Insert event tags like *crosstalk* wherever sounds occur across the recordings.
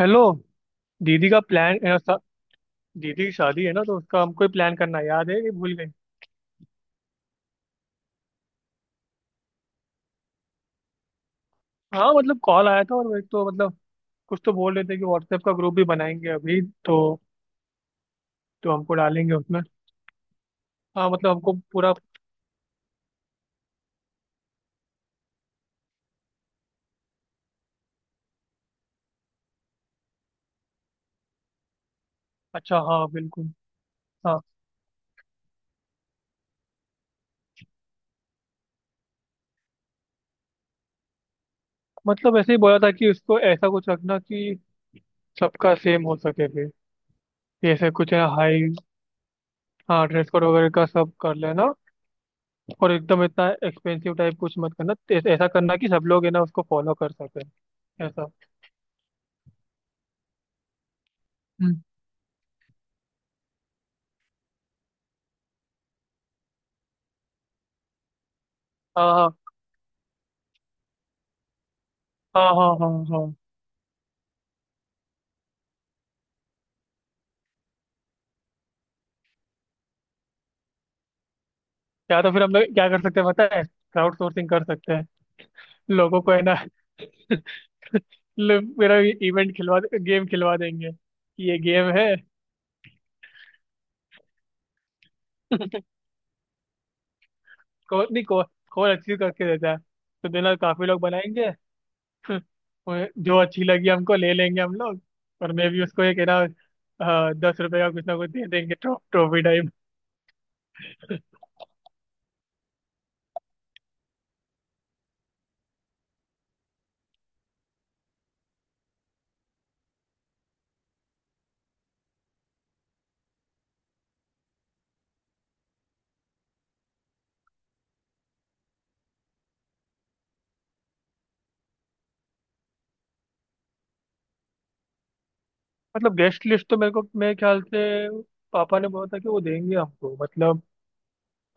Hello. दीदी का plan दीदी की शादी है ना तो उसका हमको ही प्लान करना है, याद है कि भूल गई? हाँ, मतलब कॉल आया था और वो एक तो मतलब कुछ तो बोल रहे थे कि व्हाट्सएप का ग्रुप भी बनाएंगे अभी। तो हमको डालेंगे उसमें। हाँ, मतलब हमको पूरा। अच्छा, हाँ, बिल्कुल। हाँ, मतलब ऐसे ही बोला था कि उसको ऐसा कुछ रखना कि सबका सेम हो सके, फिर जैसे कुछ है, हाई। हाँ, ड्रेस कोड वगैरह का सब कर लेना। और एकदम इतना एक्सपेंसिव टाइप कुछ मत करना, ऐसा करना कि सब लोग है ना उसको फॉलो कर सके, ऐसा। हम्म। हाँ, हाँ, हाँ, हाँ, हाँ, हाँ। या तो फिर हम लोग क्या कर सकते हैं पता है, क्राउड सोर्सिंग कर सकते हैं लोगों को, है ना। *laughs* लोग मेरा इवेंट खिलवा, गेम खिलवा देंगे कि ये गेम है। *laughs* स्कोर नहीं को, स्कोर अच्छी करके देता है तो देना, काफी लोग बनाएंगे। *laughs* और जो अच्छी लगी हमको, ले लेंगे हम लोग। और मैं भी उसको एक है ना, 10 रुपए का कुछ ना कुछ दे देंगे, ट्रॉफी टाइप। मतलब गेस्ट लिस्ट तो मेरे को, मेरे ख्याल से पापा ने बोला था कि वो देंगे हमको, मतलब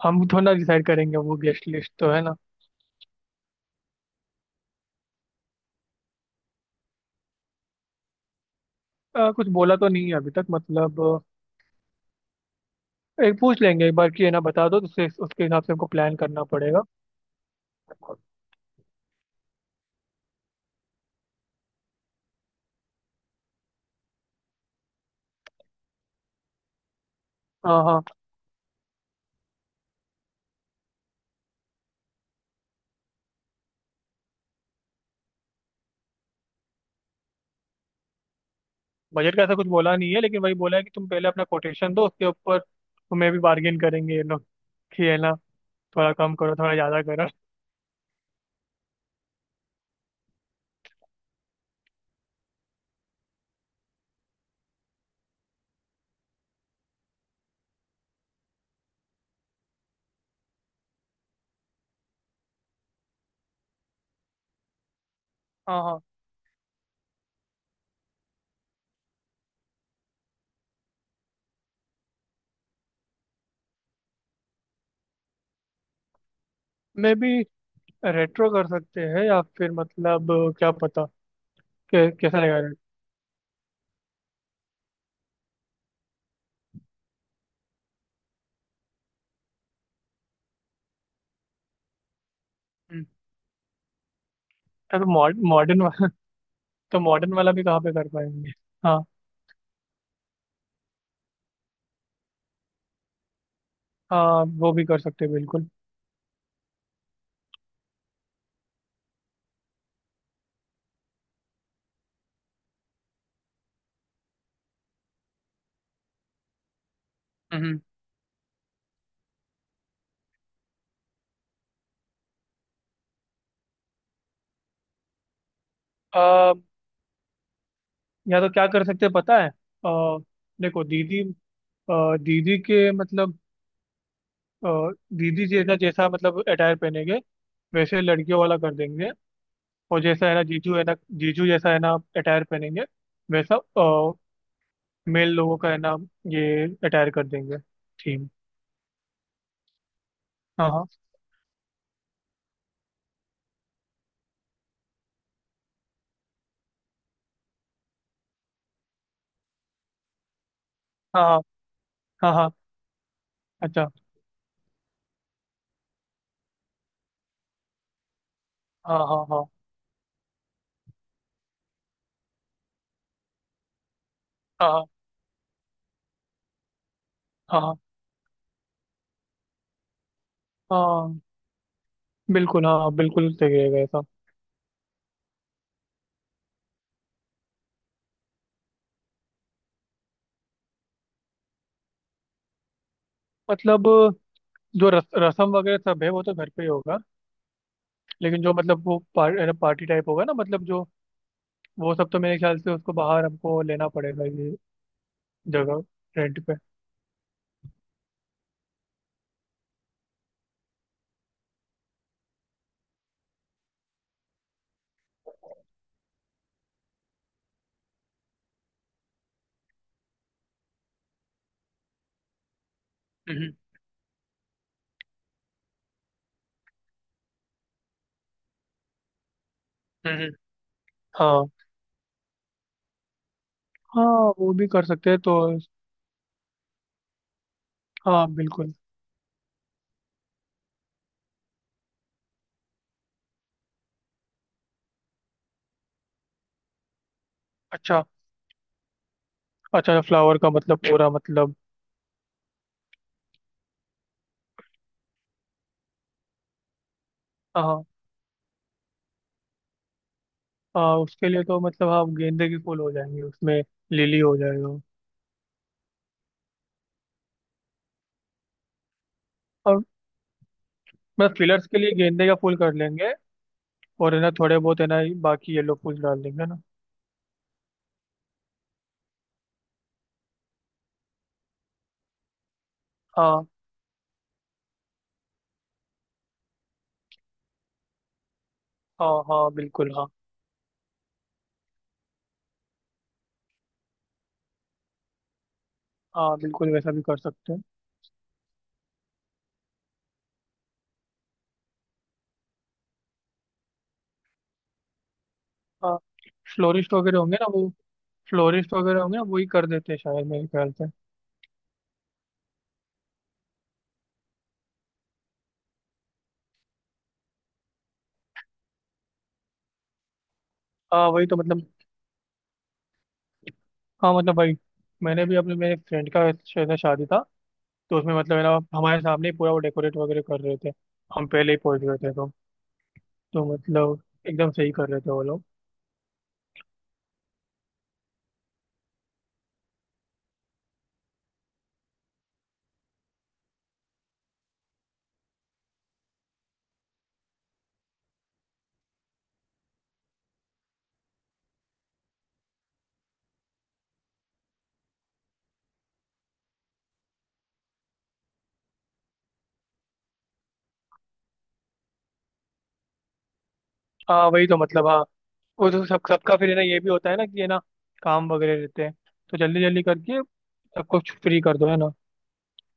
हम थोड़ा डिसाइड करेंगे वो गेस्ट लिस्ट, तो है ना। कुछ बोला तो नहीं है अभी तक, मतलब एक पूछ लेंगे एक बार कि है ना बता दो, तो उसके उसके हिसाब से हमको प्लान करना पड़ेगा। हाँ, हाँ। बजट का ऐसा कुछ बोला नहीं है, लेकिन वही बोला है कि तुम पहले अपना कोटेशन दो, उसके ऊपर तुम्हें भी बार्गेन करेंगे ये लोग, कि है ना, थोड़ा कम करो थोड़ा ज़्यादा करो। हाँ, हाँ। मे भी रेट्रो कर सकते हैं, या फिर मतलब क्या पता कैसा रहेगा रेट। हम्म, तो मॉडर्न मॉडर्न वाला। *laughs* तो मॉडर्न वाला भी कहाँ पे कर पाएंगे। हाँ, हाँ, वो भी कर सकते हैं बिल्कुल। हम्म। या तो क्या कर सकते हैं पता है? देखो दीदी, दीदी के मतलब, अ, दीदी जैसा जैसा मतलब अटायर पहनेंगे, वैसे लड़कियों वाला कर देंगे। और जैसा है ना जीजू, है ना जीजू जैसा है ना अटायर पहनेंगे, वैसा मेल लोगों का है ना ये अटायर कर देंगे, थीम। हाँ, हाँ, हाँ, हाँ, हाँ, हाँ। अच्छा, हाँ, हाँ, हाँ, हाँ, हाँ, हाँ, हाँ, हाँ। बिल्कुल, हाँ बिल्कुल सही रहेगा ऐसा। मतलब जो रसम वगैरह सब है वो तो घर पे ही होगा। लेकिन जो मतलब वो पार्टी टाइप होगा ना, मतलब जो वो सब तो मेरे ख्याल से उसको बाहर हमको लेना पड़ेगा, ये जगह रेंट पे। हम्म, हम्म, हम्म। हाँ, हाँ, वो भी कर सकते हैं तो। हाँ, बिल्कुल। अच्छा। अच्छा, फ्लावर का मतलब पूरा मतलब। हाँ, हाँ, उसके लिए तो मतलब हाँ गेंदे के फूल हो जाएंगे उसमें, लिली हो जाएगा। और मतलब फिलर्स के लिए गेंदे का फूल कर लेंगे, और है ना थोड़े बहुत है ना बाकी येलो फूल डाल देंगे ना। हाँ, हाँ, हाँ, बिल्कुल। हाँ, हाँ, बिल्कुल वैसा भी कर सकते हैं। हाँ, फ्लोरिस्ट वगैरह होंगे ना वो। फ्लोरिस्ट वगैरह होंगे ना, वही कर देते हैं शायद मेरे ख्याल से। हाँ, वही तो मतलब। हाँ, मतलब भाई मैंने भी अपने मेरे फ्रेंड का शायद ना शादी था, तो उसमें मतलब है ना हमारे सामने ही पूरा वो डेकोरेट वगैरह कर रहे थे, हम पहले ही पहुंच गए थे तो। मतलब एकदम सही कर रहे थे वो लोग। हाँ, वही तो मतलब। हाँ, वो तो सब सबका फिर है ना, ये भी होता है ना कि है ना काम वगैरह रहते हैं, तो जल्दी जल्दी करके सबको फ्री कर दो है ना,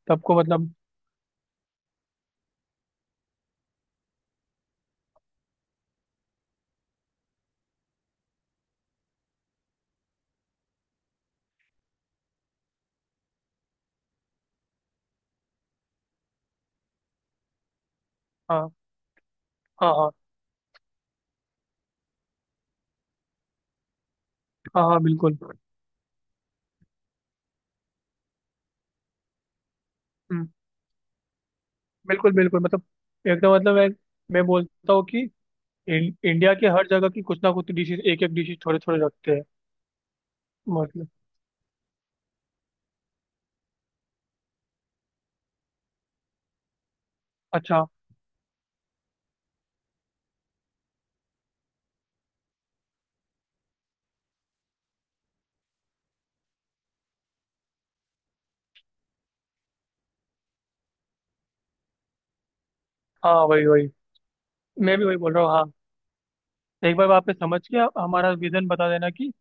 सबको मतलब। हाँ, हाँ, हाँ, हाँ, हाँ, बिल्कुल। हम्म। बिल्कुल, बिल्कुल मतलब, एकदम मतलब मैं बोलता हूँ कि इंडिया के हर जगह की कुछ ना कुछ डिशेज, एक एक डिशेज थोड़े थोड़े रखते हैं, मतलब। अच्छा। हाँ, वही वही, मैं भी वही बोल रहा हूँ हाँ। एक बार वहाँ पे समझ के आप हमारा विजन बता देना कि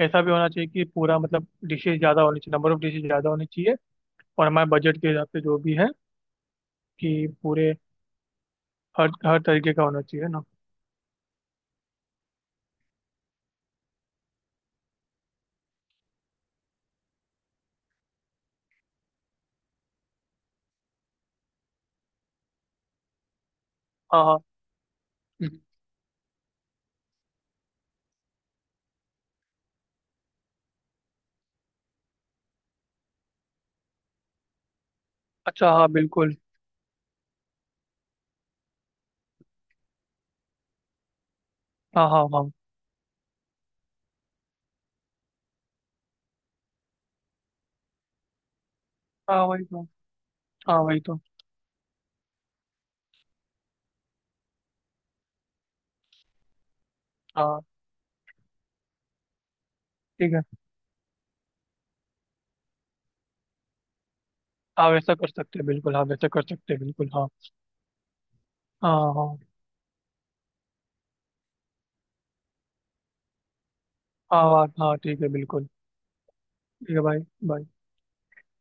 ऐसा भी होना चाहिए कि पूरा मतलब डिशेज ज़्यादा होनी चाहिए, नंबर ऑफ डिशेज ज़्यादा होनी चाहिए, और हमारे बजट के हिसाब से जो भी है, कि पूरे हर हर तरीके का होना चाहिए ना। हाँ, हाँ। हम्म। अच्छा, हाँ, बिल्कुल। हाँ, हाँ, हाँ। हाँ, वही तो। हाँ, वही तो। हाँ, ठीक है। हाँ, वैसा कर सकते हैं बिल्कुल, हाँ वैसा कर सकते हैं बिल्कुल, हाँ। हाँ, हाँ, हाँ, हाँ, हाँ। ठीक है बिल्कुल। ठीक है भाई। बाय।